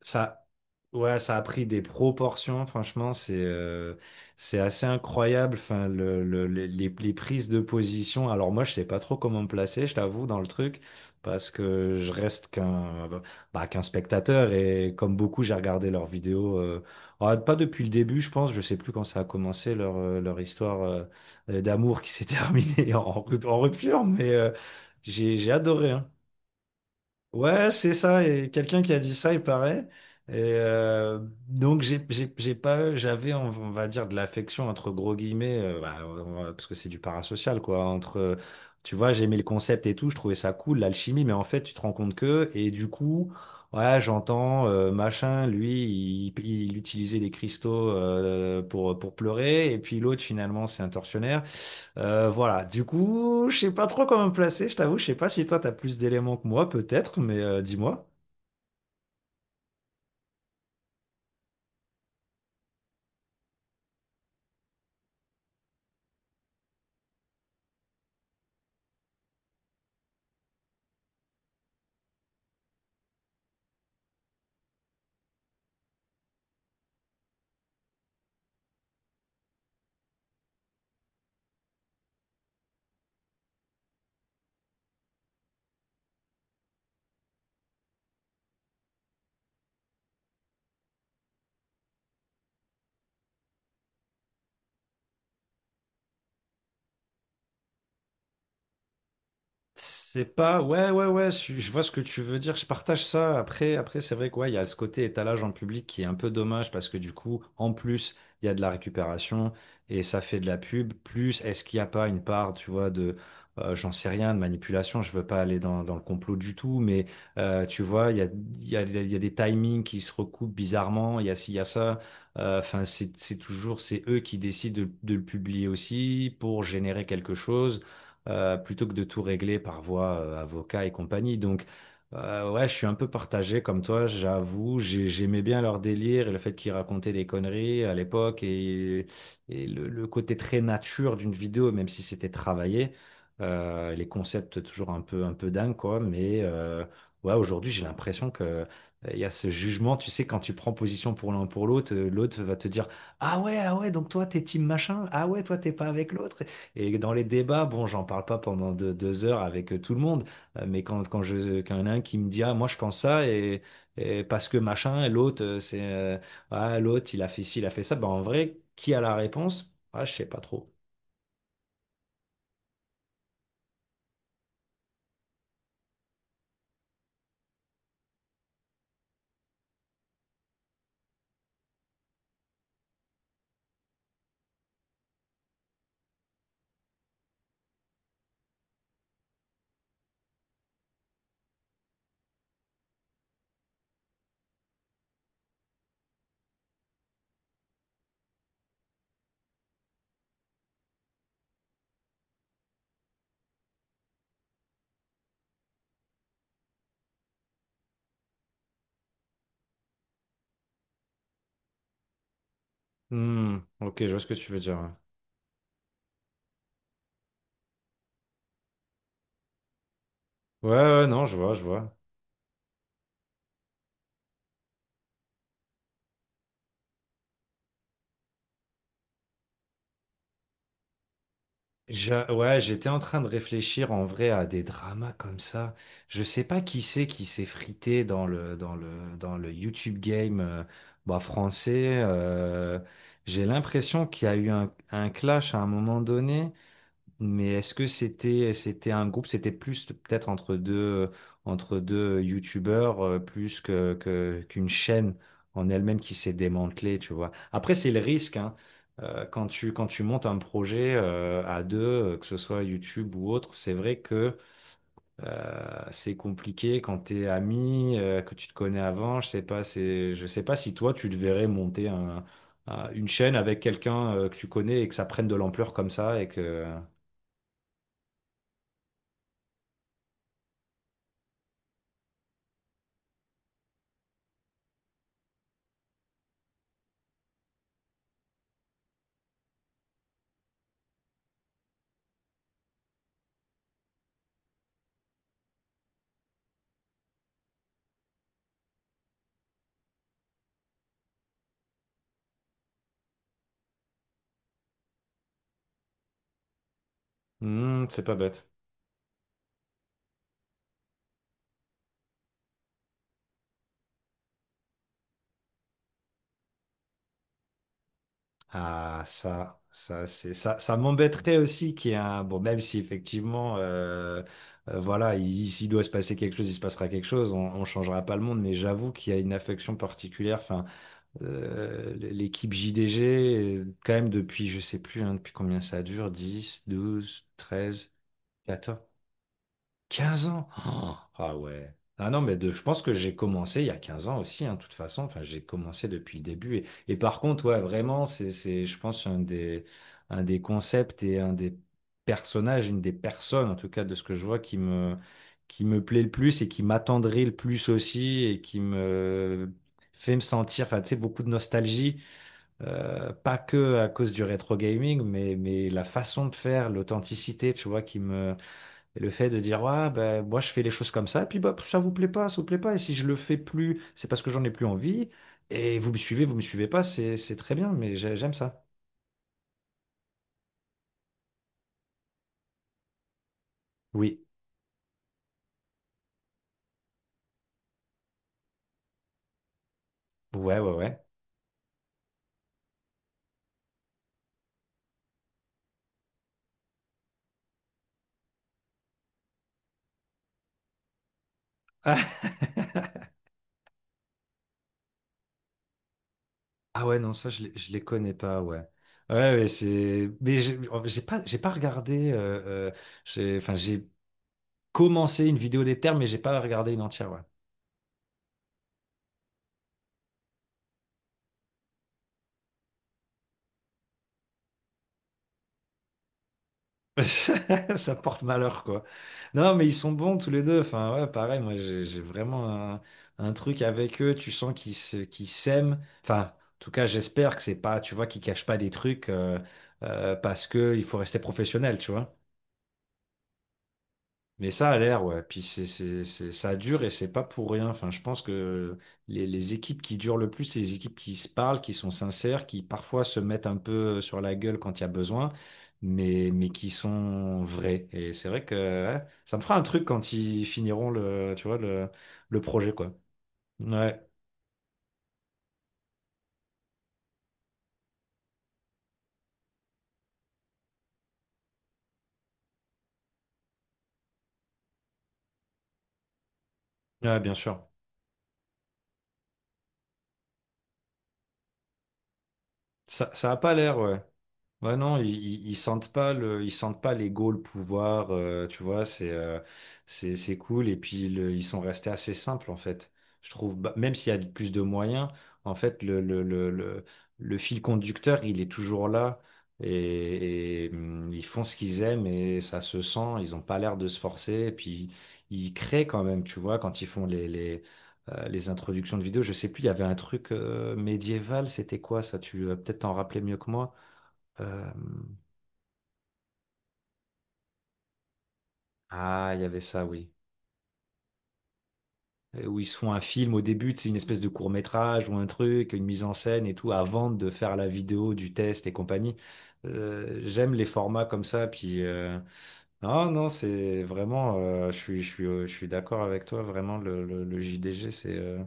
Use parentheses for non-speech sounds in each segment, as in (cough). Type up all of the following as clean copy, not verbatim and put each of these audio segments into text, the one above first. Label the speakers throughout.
Speaker 1: Ça, ouais, ça a pris des proportions, franchement, c'est assez incroyable. Enfin, les prises de position. Alors moi, je sais pas trop comment me placer, je t'avoue, dans le truc, parce que je reste qu'un spectateur et, comme beaucoup, j'ai regardé leurs vidéos. Pas depuis le début, je pense. Je sais plus quand ça a commencé leur histoire d'amour qui s'est (laughs) terminée en rupture, mais j'ai adoré, hein. Ouais, c'est ça. Et quelqu'un qui a dit ça, il paraît. Et euh, donc j'ai pas, j'avais, on va dire, de l'affection entre gros guillemets, bah, parce que c'est du parasocial, quoi. Tu vois, j'aimais le concept et tout, je trouvais ça cool, l'alchimie, mais en fait tu te rends compte que, et du coup, ouais, j'entends, machin, lui, il utilisait des cristaux, pour pleurer, et puis l'autre, finalement, c'est un tortionnaire. Voilà, du coup, je sais pas trop comment me placer, je t'avoue, je sais pas si toi t'as plus d'éléments que moi, peut-être, mais dis-moi. C'est pas, Ouais, ouais, ouais, je vois ce que tu veux dire, je partage ça. Après, c'est vrai, quoi. Il y a ce côté étalage en public qui est un peu dommage parce que, du coup, en plus, il y a de la récupération et ça fait de la pub. Plus, est-ce qu'il n'y a pas une part, tu vois, j'en sais rien, de manipulation. Je veux pas aller dans le complot du tout, mais tu vois, il y a, il y a, il y a des timings qui se recoupent bizarrement, il y a ci, il y a ça. Enfin, c'est toujours, c'est eux qui décident de le publier aussi pour générer quelque chose, plutôt que de tout régler par voie, avocat et compagnie. Donc, ouais, je suis un peu partagé comme toi, j'avoue. J'aimais bien leur délire et le fait qu'ils racontaient des conneries à l'époque, et le côté très nature d'une vidéo, même si c'était travaillé. Les concepts toujours un peu dingues, quoi. Mais ouais, aujourd'hui, j'ai l'impression que il y a ce jugement, tu sais, quand tu prends position pour l'un pour l'autre, l'autre va te dire: ah ouais, ah ouais, donc toi, t'es team machin, ah ouais, toi, t'es pas avec l'autre. Et dans les débats, bon, j'en parle pas pendant deux heures avec, tout le monde, mais quand il y en a un qui me dit: ah, moi, je pense ça, et parce que machin, et l'autre, l'autre, il a fait ci, il a fait ça. Ben, en vrai, qui a la réponse? Ah, je sais pas trop. Hmm, ok, je vois ce que tu veux dire. Ouais, ouais, non, je vois, je vois. Ouais, j'étais en train de réfléchir, en vrai, à des dramas comme ça. Je sais pas qui c'est qui s'est frité dans le YouTube game, bah, français. J'ai l'impression qu'il y a eu un clash à un moment donné. Mais est-ce que c'était un groupe, c'était plus, peut-être, entre deux youtubeurs, plus qu'une chaîne en elle-même qui s'est démantelée, tu vois. Après, c'est le risque, hein. Quand tu montes un projet, à deux, que ce soit YouTube ou autre, c'est vrai que c'est compliqué quand t'es ami, que tu te connais avant. Je sais pas, c'est je sais pas si toi tu te verrais monter un, une chaîne avec quelqu'un, que tu connais et que ça prenne de l'ampleur comme ça. Et que Hmm, c'est pas bête. Ah, ça, c'est ça, ça m'embêterait aussi qu'il y ait un. Bon, même si effectivement, voilà, s'il doit se passer quelque chose, il se passera quelque chose, on changera pas le monde, mais j'avoue qu'il y a une affection particulière. Enfin, l'équipe JDG, quand même, depuis, je sais plus, hein, depuis combien ça dure: 10, 12, 13, 14, 15 ans. Oh, ah ouais. Ah non, mais je pense que j'ai commencé il y a 15 ans aussi, hein, de toute façon. Enfin, j'ai commencé depuis le début. Et, par contre, ouais, vraiment, je pense, un des concepts et un des personnages, une des personnes, en tout cas, de ce que je vois, qui me plaît le plus et qui m'attendrait le plus aussi et qui me fait me sentir, enfin, tu sais, beaucoup de nostalgie. Pas que à cause du rétro gaming, mais la façon de faire, l'authenticité, tu vois, et le fait de dire: ouais, ben, moi, je fais les choses comme ça, et puis, bah, ça vous plaît pas, ça vous plaît pas, et si je le fais plus, c'est parce que j'en ai plus envie, et vous me suivez pas, c'est très bien, mais j'aime ça. Oui. Ouais, ouais, ouais. Ah, (laughs) ah ouais, non, ça, je les connais pas, ouais. Ouais, mais mais j'ai, en fait, j'ai pas regardé, enfin, j'ai commencé une vidéo des termes, mais j'ai pas regardé une entière, ouais. (laughs) Ça porte malheur, quoi. Non, mais ils sont bons tous les deux. Enfin, ouais, pareil, moi, j'ai vraiment un truc avec eux. Tu sens qu'ils s'aiment. Enfin, en tout cas, j'espère que c'est pas, tu vois, qu'ils cachent pas des trucs, parce que il faut rester professionnel, tu vois. Mais ça a l'air, ouais. Puis ça dure et c'est pas pour rien. Enfin, je pense que les équipes qui durent le plus, c'est les équipes qui se parlent, qui sont sincères, qui parfois se mettent un peu sur la gueule quand il y a besoin, mais qui sont vraies. Et c'est vrai que ouais, ça me fera un truc quand ils finiront tu vois, le projet, quoi. Ouais, ouais, bien sûr. Ça a pas l'air, ouais. Ouais, non, ils sentent pas ils sentent pas l'ego, le pouvoir, tu vois, c'est cool. Et puis ils sont restés assez simples, en fait. Je trouve. Bah, même s'il y a plus de moyens, en fait, le fil conducteur, il est toujours là. Ils font ce qu'ils aiment et ça se sent. Ils ont pas l'air de se forcer. Et puis ils créent quand même, tu vois, quand ils font les introductions de vidéos. Je sais plus, il y avait un truc médiéval. C'était quoi, ça? Tu vas peut-être t'en rappeler mieux que moi. Euh, il y avait ça, oui. Où ils se font un film au début, c'est une espèce de court-métrage ou un truc, une mise en scène et tout, avant de faire la vidéo du test et compagnie. J'aime les formats comme ça. Puis, non, non, je suis d'accord avec toi. Vraiment, le JDG, c'est,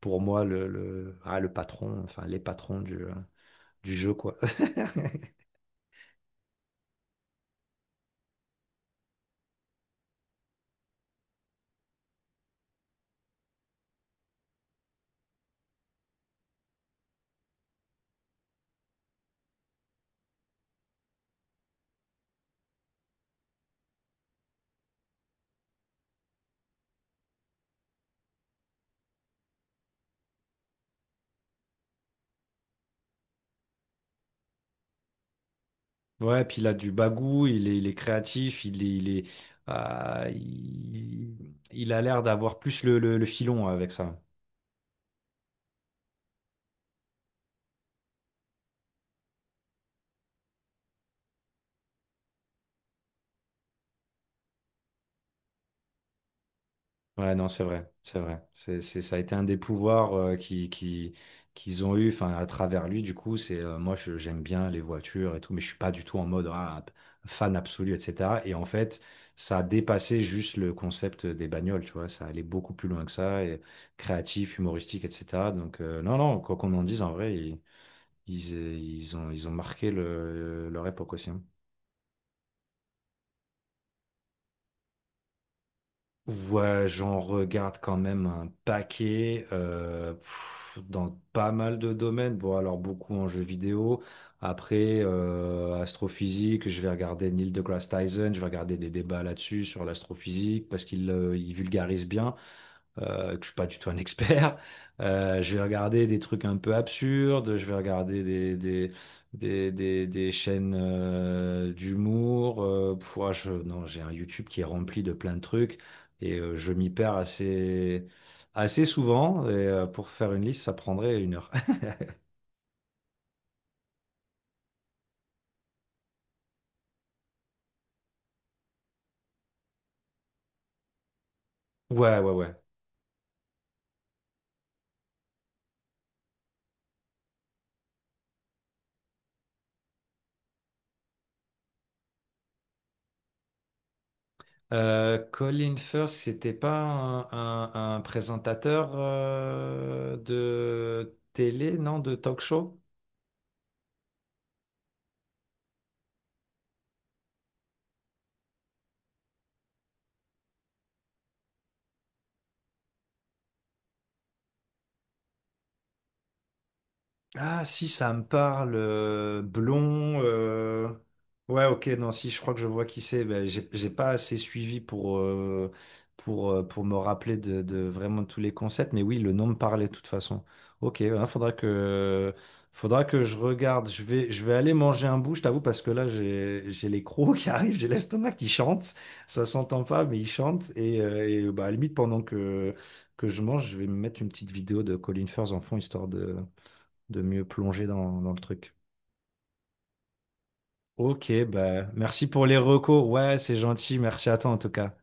Speaker 1: pour moi, le patron, enfin les patrons du jeu, quoi. (laughs) Ouais, puis il a du bagou, il est créatif, il a l'air d'avoir plus le filon avec ça. Ouais, non, c'est vrai, c'est vrai. Ça a été un des pouvoirs, qu'ils ont eu, enfin, à travers lui. Du coup, c'est moi, j'aime bien les voitures et tout, mais je suis pas du tout en mode ah, fan absolu, etc. Et en fait, ça a dépassé juste le concept des bagnoles, tu vois, ça allait beaucoup plus loin que ça, et créatif, humoristique, etc. Donc, non, non, quoi qu'on en dise, en vrai, ils ont marqué leur époque aussi, hein. Ouais, j'en regarde quand même un paquet, dans pas mal de domaines. Bon, alors beaucoup en jeux vidéo. Après, astrophysique, je vais regarder Neil deGrasse Tyson, je vais regarder des débats là-dessus sur l'astrophysique parce qu'il il vulgarise bien. Que je suis pas du tout un expert. Je vais regarder des trucs un peu absurdes, je vais regarder des chaînes, d'humour. Ouais, non, j'ai un YouTube qui est rempli de plein de trucs, et je m'y perds assez souvent. Et, pour faire une liste, ça prendrait une heure. (laughs) Ouais, ouais, ouais. Colin Firth, c'était pas un présentateur, de télé, non, de talk show? Ah si, ça me parle. Blond. Ouais, ok, non, si, je crois que je vois qui c'est. Ben, j'ai pas assez suivi pour me rappeler de vraiment tous les concepts, mais oui, le nom me parlait de toute façon. Ok, faudra que je regarde. Je vais aller manger un bout, je t'avoue, parce que là, j'ai les crocs (laughs) qui arrivent, j'ai l'estomac qui chante. Ça s'entend pas, mais il chante. Et bah, à la limite, pendant que je mange, je vais me mettre une petite vidéo de Colin Firth en fond, histoire de mieux plonger dans le truc. Ok, bah, merci pour les recos. Ouais, c'est gentil. Merci à toi en tout cas.